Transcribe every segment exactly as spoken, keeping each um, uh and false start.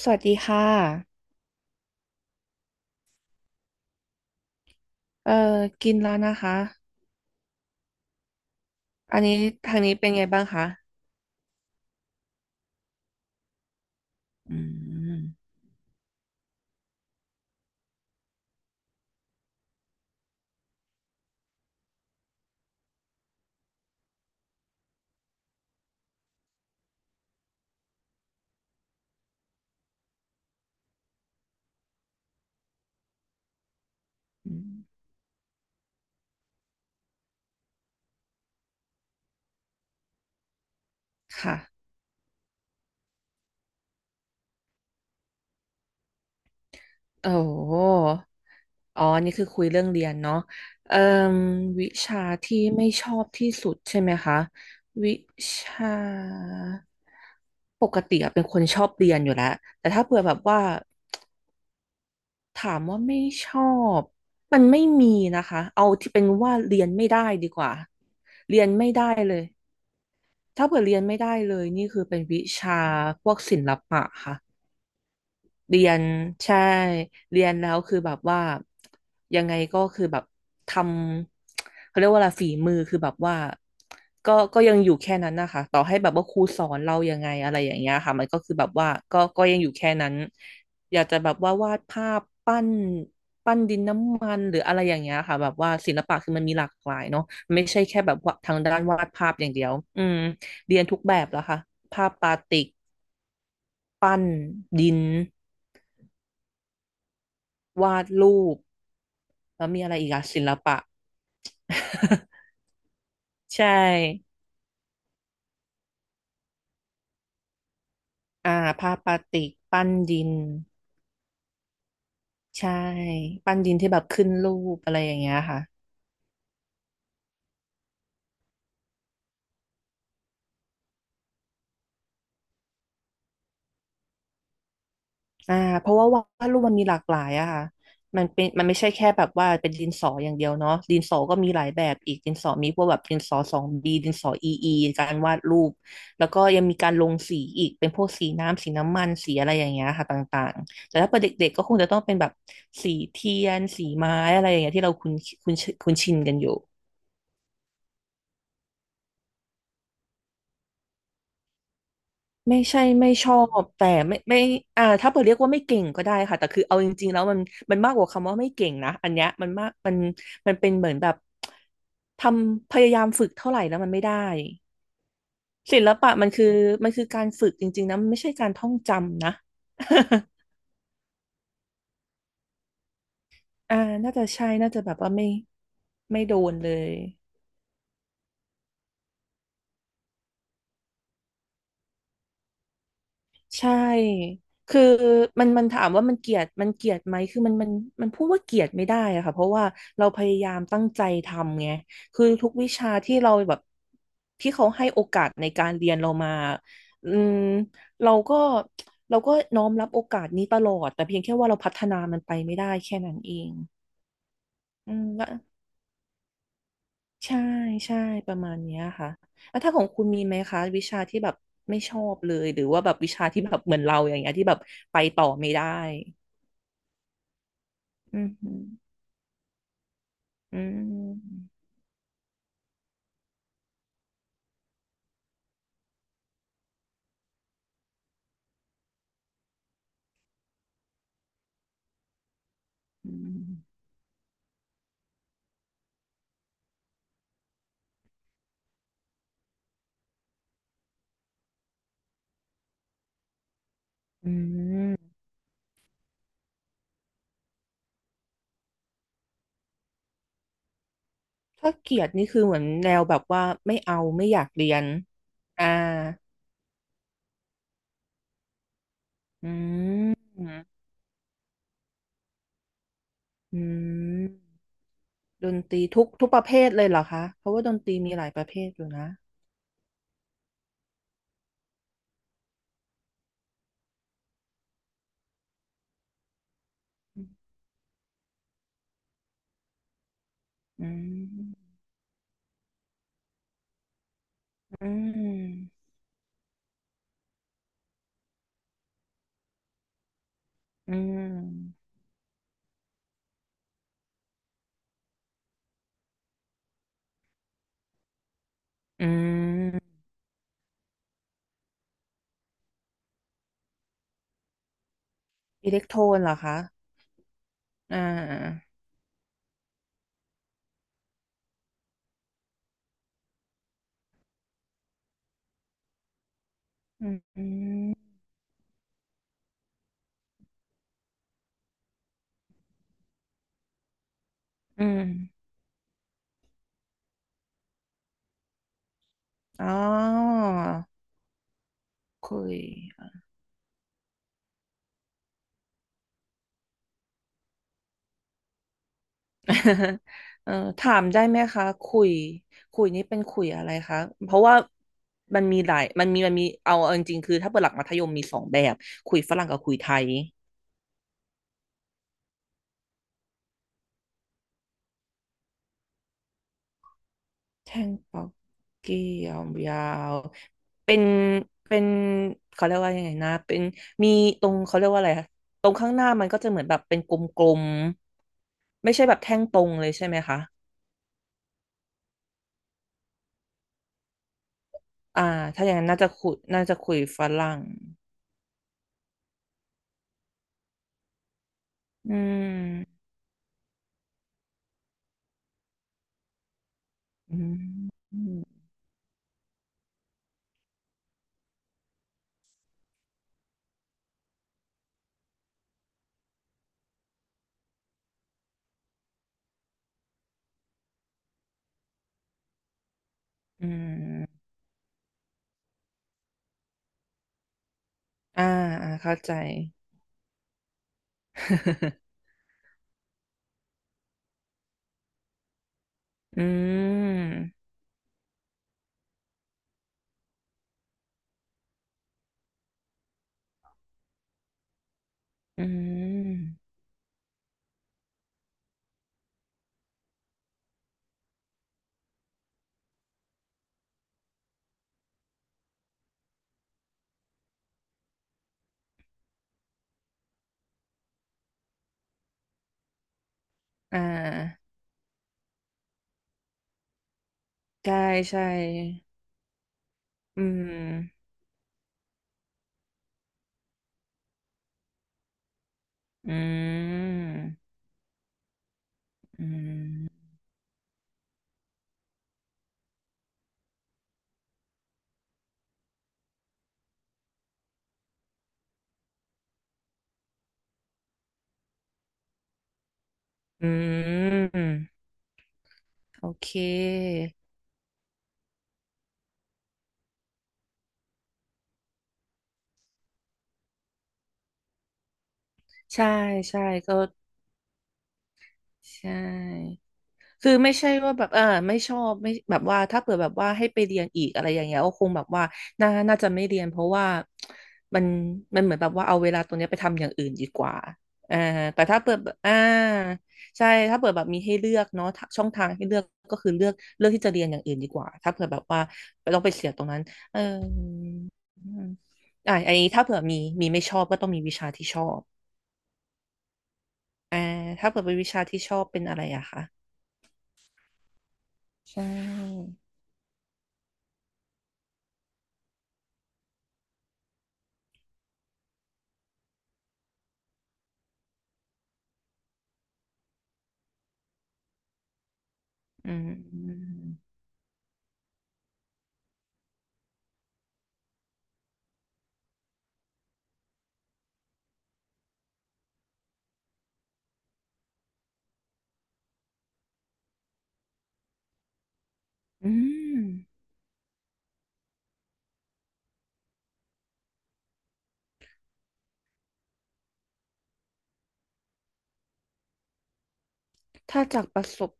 สวัสดีค่ะเอ่อกินแล้วนะคะอันนี้ทางนี้เป็นไงบ้างคะอืมค่ะโอ้โหอ๋อนี่คือคุยเรื่องเรียนเนาะเอ่มวิชาที่ไม่ชอบที่สุดใช่ไหมคะวิชาปกติอะเป็นคนชอบเรียนอยู่แล้วแต่ถ้าเผื่อแบบว่าถามว่าไม่ชอบ มันไม่มีนะคะ เอาที่เป็นว่าเรียนไม่ได้ดีกว่า เรียนไม่ได้เลย ถ้าเผื่อเรียนไม่ได้เลยนี่คือเป็นวิชาพวกศิลปะค่ะ เรียนใช่เรียนแล้วคือแบบว่ายังไงก็คือแบบทำเขาเรียกว่าอะไรฝีมือคือแบบว่าก็ก็ยังอยู่แค่นั้นนะคะต่อให้แบบว่าครูสอนเรายังไงอะไรอย่างเงี้ยค่ะมันก็คือแบบว่าก็ก็ยังอยู่แค่นั้นอยากจะแบบว่าวาดภาพปั้นปั้นดินน้ำมันหรืออะไรอย่างเงี้ยค่ะแบบว่าศิลปะคือมันมีหลากหลายเนาะไม่ใช่แค่แบบว่าทางด้านวาดภาพอย่างเดียวอืมเรียนทุกแบบแล้วค่ะภาพปาติกปั้นดิน วาดรูปแล้วมีอะไรอีกอะศิลปะ ใช่อ่าผ้าปาติกปั้นดินใช่ปั้นดินที่แบบขึ้นรูปอะไรอย่างเงี้ยค่ะ อ่าเพราะว่าวาดรูปมันมีหลากหลายอะค่ะมันเป็นมันไม่ใช่แค่แบบว่าเป็นดินสออย่างเดียวเนาะดินสอก็มีหลายแบบอีกดินสอมีพวกแบบดินสอสองบีดินสออีอีการวาดรูปแล้วก็ยังมีการลงสีอีกเป็นพวกสีน้ำสีน้ำมันสีอะไรอย่างเงี้ยค่ะต่างๆแต่ถ้าเป็นเด็กๆก็คงจะต้องเป็นแบบสีเทียนสีไม้อะไรอย่างเงี้ยที่เราคุ้นคุ้นคุ้นชินกันอยู่ ไม่ใช่ไม่ชอบแต่ไม่ไม่อ่าถ้าเปิดเรียกว่าไม่เก่งก็ได้ค่ะแต่คือเอาจริงๆแล้วมันมันมากกว่าคำว่าไม่เก่งนะอันเนี้ยมันมากมันมันเป็นเหมือนแบบทำพยายามฝึกเท่าไหร่แล้วมันไม่ได้ศิลปะมันคือมันคือการฝึกจริงๆนะมันไม่ใช่การท่องจำนะ อ่าน่าจะใช่น่าจะแบบว่าไม่ไม่โดนเลย ใช่ คือมันมันถามว่ามันเกลียดมันเกลียดไหมคือมันมันมันพูดว่าเกลียดไม่ได้อะค่ะเพราะว่าเราพยายามตั้งใจทำไงคือทุกวิชาที่เราแบบที่เขาให้โอกาสในการเรียนเรามาอืมเราก็เราก็น้อมรับโอกาสนี้ตลอด แต่เพียงแค่ว่าเราพัฒนามันไปไม่ได้แค่นั้นเองอืม ใช่ใช่ประมาณเนี้ยค่ะแล้วถ้าของคุณมีไหมคะวิชาที่แบบไม่ชอบเลยหรือว่าแบบวิชาที่แบบเหมือนเราอย่างเงี้ยที่แบบไปต่อไม่ได้อืมอืมอืมอืมถ้าเกลียดนี่คือเหมือนแนวแบบว่าไม่เอาไม่อยากเรียน อ่าอืมอืมดนตรีทุกทุกประเภทเลยเหรอคะเพราะว่าดนตรีมีหลายประเภทอยู่นะอืมอืมอืมอืม อิเล็กโทรนเหรอคะอ่าอืมอืมอืมอ๋อคุย เอ่อถามได้ไหมคะ คุย คุยนี่เป็นคุยอะไรคะ เพราะว่ามันมีหลายมันมีมันมีเอาเอาจริงๆคือถ้าเปิดหลักมัธยมมีสองแบบคุยฝรั่งกับคุยไทยแทงปักเกี่ยวยาวเป็นเป็นเขาเรียกว่ายังไงนะเป็นมีตรงเขาเรียกว่าอะไรคะตรงข้างหน้ามันก็จะเหมือนแบบเป็นกลม ไม่ใช่แบบแท่งตรงเลยใช่ไหมคะอ่าถ้าอย่างนั้นน่าจะคุยน่าจะคุยฝรั่งอืมอืมอืมอืมอ่าอ่าเข้าใจ อืมอืมอ่าใช่ใช่อืมอืมอืมอืมโอเค ใช่ ใช่ ก็ใช่ คือไม่ใช่ว่าแบบเออไม่ชอบไม่แบบว่าถ้าเปิดแบบว่าให้ไปเรียนอีกอะไรอย่างเงี้ยก็คงแบบว่าน่าน่าจะไม่เรียนเพราะว่ามันมันเหมือนแบบว่าเอาเวลาตรงเนี้ยไปทำอย่างอื่นดีกว่าอ่าแต่ถ้าเปิดอ่าใช่ถ้าเปิดแบบมีให้เลือกเนาะถ้าช่องทางให้เลือกก็คือเลือกเลือกที่จะเรียนอย่างอื่นดีกว่าถ้าเผื่อแบบว่าเราไปเสียตรงนั้นเอออืมอ่าอันนี้ถ้าเผื่อมีมีไม่ชอบก็ต้องมีวิชาที่ชอบอ่าถ้าเผื่อเป็นวิชาที่ชอบเป็นอะไรอะคะใช่ อืมอืมถ้าจากประสบ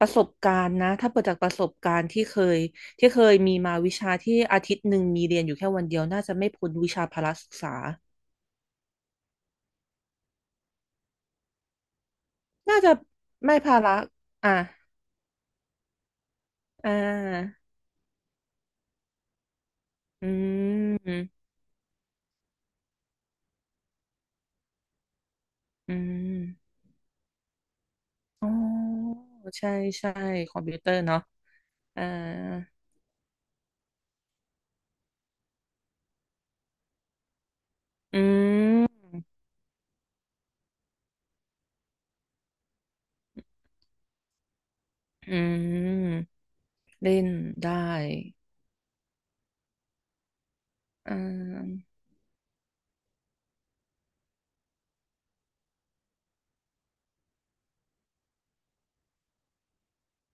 ประสบการณ์นะถ้าเปิดจากประสบการณ์ที่เคยที่เคยมีมาวิชาที่อาทิตย์หนึ่งมีเรียนอยู่แค่วันเดียวน่าจะไม่พ้นวิชาพละศึกษาน่าจะไม่พละอ่ะอ่าอืมอืมอ๋อใช่ใช่คอมพิวเตอร์เนาะอ่าอืมเล่นได้อ่า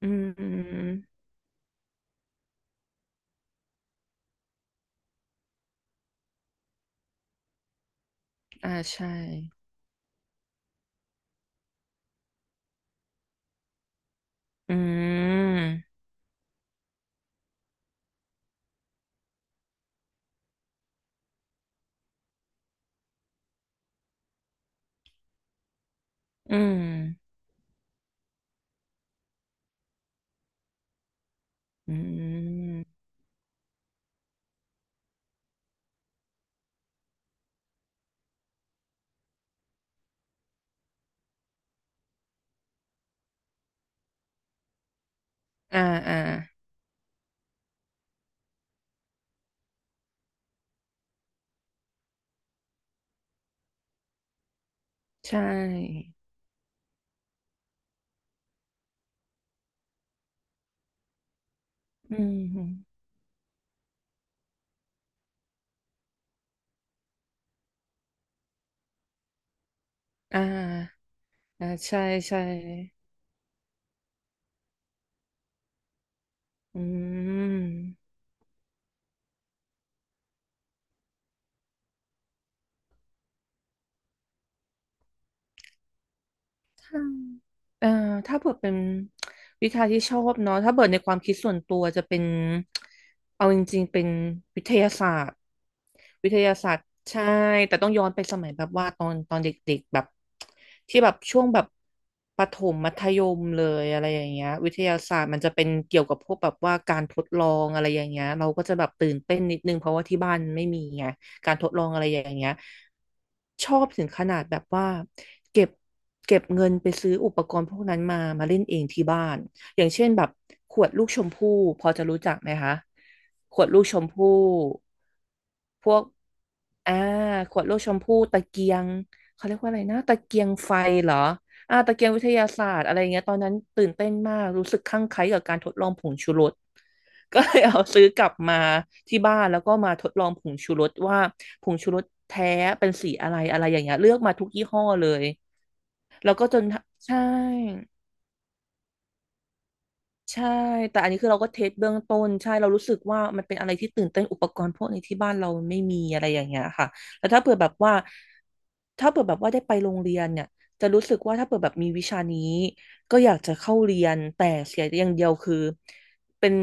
อืมอ่าใช่อืม อืมอืมอ่าอ่าใช่อืมอ่าอ่าใช่ใช่อืม เอ่อถ้าเปิดเป็น วิชาที่ชอบเนาะถ้าเปิดในความคิดส่วนตัวจะเป็นเอาจริงๆเป็นวิทยาศาสตร์วิทยาศาสตร์ใช่แต่ต้องย้อนไปสมัยแบบว่าตอนตอนเด็กๆแบบที่แบบช่วงแบบประถมมัธยมเลยอะไรอย่างเงี้ยวิทยาศาสตร์มันจะเป็นเกี่ยวกับพวกแบบว่าการทดลองอะไรอย่างเงี้ยเราก็จะแบบตื่นเต้นนิดนึงเพราะว่าที่บ้านไม่มีไง การทดลองอะไรอย่างเงี้ยชอบถึงขนาดแบบว่าเก็บเก็บเงินไปซื้ออุปกรณ์พวกนั้นมามาเล่นเองที่บ้านอย่างเช่นแบบขวดลูกชมพู่พอจะรู้จักไหมคะขวดลูกชมพู่พวกอ่าขวดลูกชมพู่ตะเกียงเขาเรียกว่าอะไรนะตะเกียงไฟเหรออ่าตะเกียงวิทยาศาสตร์อะไรเงี้ยตอนนั้นตื่นเต้นมากรู้สึกคลั่งไคล้กับการทดลองผงชูรส ก็ เลยเอาซื้อกลับมาที่บ้านแล้วก็มาทดลองผงชูรสว่าผงชูรสแท้เป็นสีอะไรอะไรอย่างเงี้ยเลือกมาทุกยี่ห้อเลยแล้วก็จนใช่ ใช่แต่อันนี้คือเราก็เทสเบื้องต้นใช่เรารู้สึกว่ามันเป็นอะไรที่ตื่นเต้นอุปกรณ์พวกนี้ที่บ้านเราไม่มีอะไรอย่างเงี้ยค่ะแล้วถ้าเผื่อแบบว่าถ้าเผื่อแบบว่าได้ไปโรงเรียนเนี่ยจะรู้สึกว่าถ้าเผื่อแบบมีวิชานี้ก็อยากจะเข้าเรียนแต่เสียอย่างเดียวคือเป็น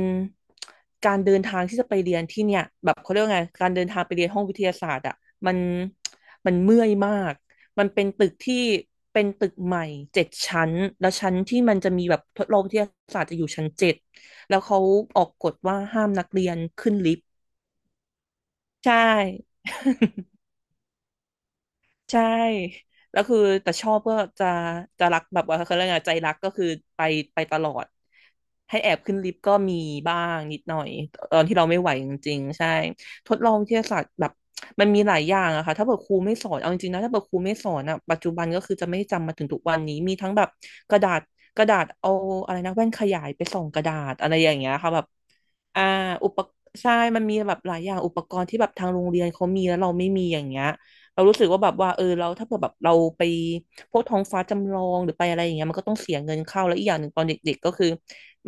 การเดินทางที่จะไปเรียนที่เนี่ยแบบเขาเรียกว่าไงการเดินทางไปเรียนห้องวิทยาศาสตร์อ่ะมัน มันเมื่อยมาก มันเป็นตึกที่เป็นตึกใหม่เจ็ดชั้น แล้วชั้นที่มันจะมีแบบทดลองวิทยาศาสตร์จะอยู่ชั้นเจ็ด แล้วเขาออกกฎว่าห้ามนักเรียนขึ้นลิฟต์ใช่ ใช่แล้วคือแต่ชอบก็จะจะรักแบบว่าเขาเรียกไงใจรักก็คือไปไปตลอดให้แอบขึ้นลิฟต์ก็มีบ้างนิดหน่อยตอนที่เราไม่ไหวจริงๆใช่ทดลองวิทยาศาสตร์แบบมันมีหลายอย่างอะค่ะถ้าเกิดครูไม่สอนเอาจริงๆนะถ้าเกิดครูไม่สอนอะปัจจุบันก็คือจะไม่จำมาถึงทุกวันนี้มีทั้งแบบกระดาษกระดาษเอาอะไรนะแว่นขยายไปส่องกระดาษอะไรอย่างเงี้ยค่ะแบบอ่าอุปใช่มันมีแบบหลายอย่างอุปกรณ์ที่แบบทางโรงเรียนเขามีแล้วเราไม่มีอย่างเงี้ย เรารู้สึกว่าแบบว่าเออเราถ้าเผื่อแบบเราไปพวกท้องฟ้าจำลองหรือไปอะไรอย่างเงี้ยมันก็ต้องเสียเงินเข้าแล้วอีกอย่างหนึ่งตอนเด็กๆก็คือ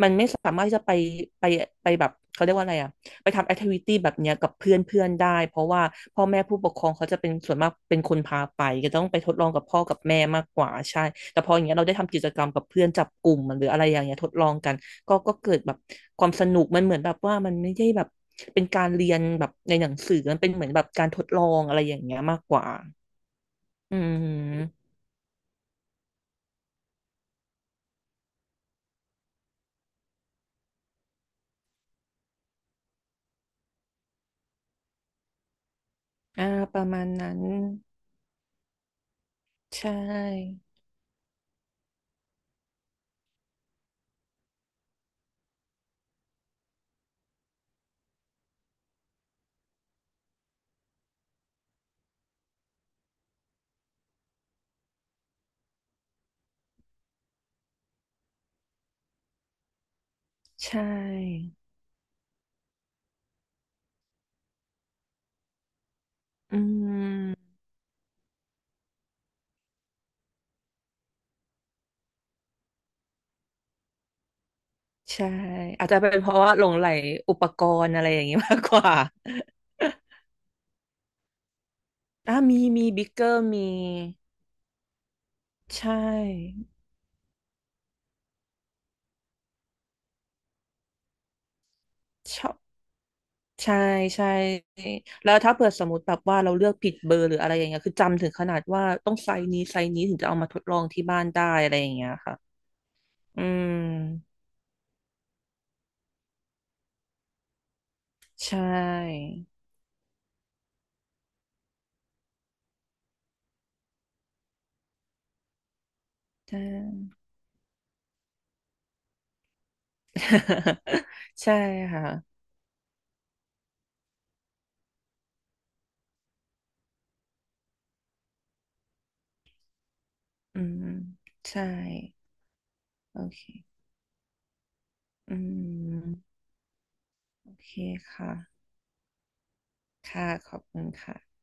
มันไม่สามารถที่จะไปไปไปแบบเขาเรียกว่าอะไรอ่ะ ไปทำแอคทิวิตี้แบบเนี้ยกับเพื่อนเพื่อนได้เพราะว่าพ่อแม่ผู้ปกครองเขาจะเป็นส่วนมากเป็นคนพาไปก็ต้องไปทดลองกับพ่อกับแม่มากกว่าใช่แต่พออย่างเงี้ยเราได้ทำกิจกรรมกับเพื่อนจับกลุ่มหรืออะไรอย่างเงี้ยทดลองกันก็ก็เกิดแบบความสนุกมันเหมือนแบบว่ามันไม่ได้แบบเป็นการเรียนแบบในหนังสือมันเป็นเหมือนแบบการทดลองอะไรอย่างเงี้ยมากกว่าอืมอ่าประมาณนั้นใช่ใช่อืม ใช่อาจจะเป็นเพราะว่าหลงใหลอุปกรณ์อะไรอย่างนี้มากกว่า อ่ะมีมีบิ๊กเกอร์มีใช่ชอบใช่ใช่แล้วถ้าเผื่อสมมติแบบว่าเราเลือกผิดเบอร์หรืออะไรอย่างเงี้ยคือจำถึงขนาดว่าต้องไซส์นี้ไซส์นี้ถึงจะเอามาทดลองที่บ้านได้อะไรอย่างเงี้ยค่ะอืมใช่ใช่ ใช่ค่ะอืมใช่โอเคอืมโอเคค่ะค่ะขอบคุณค่ะ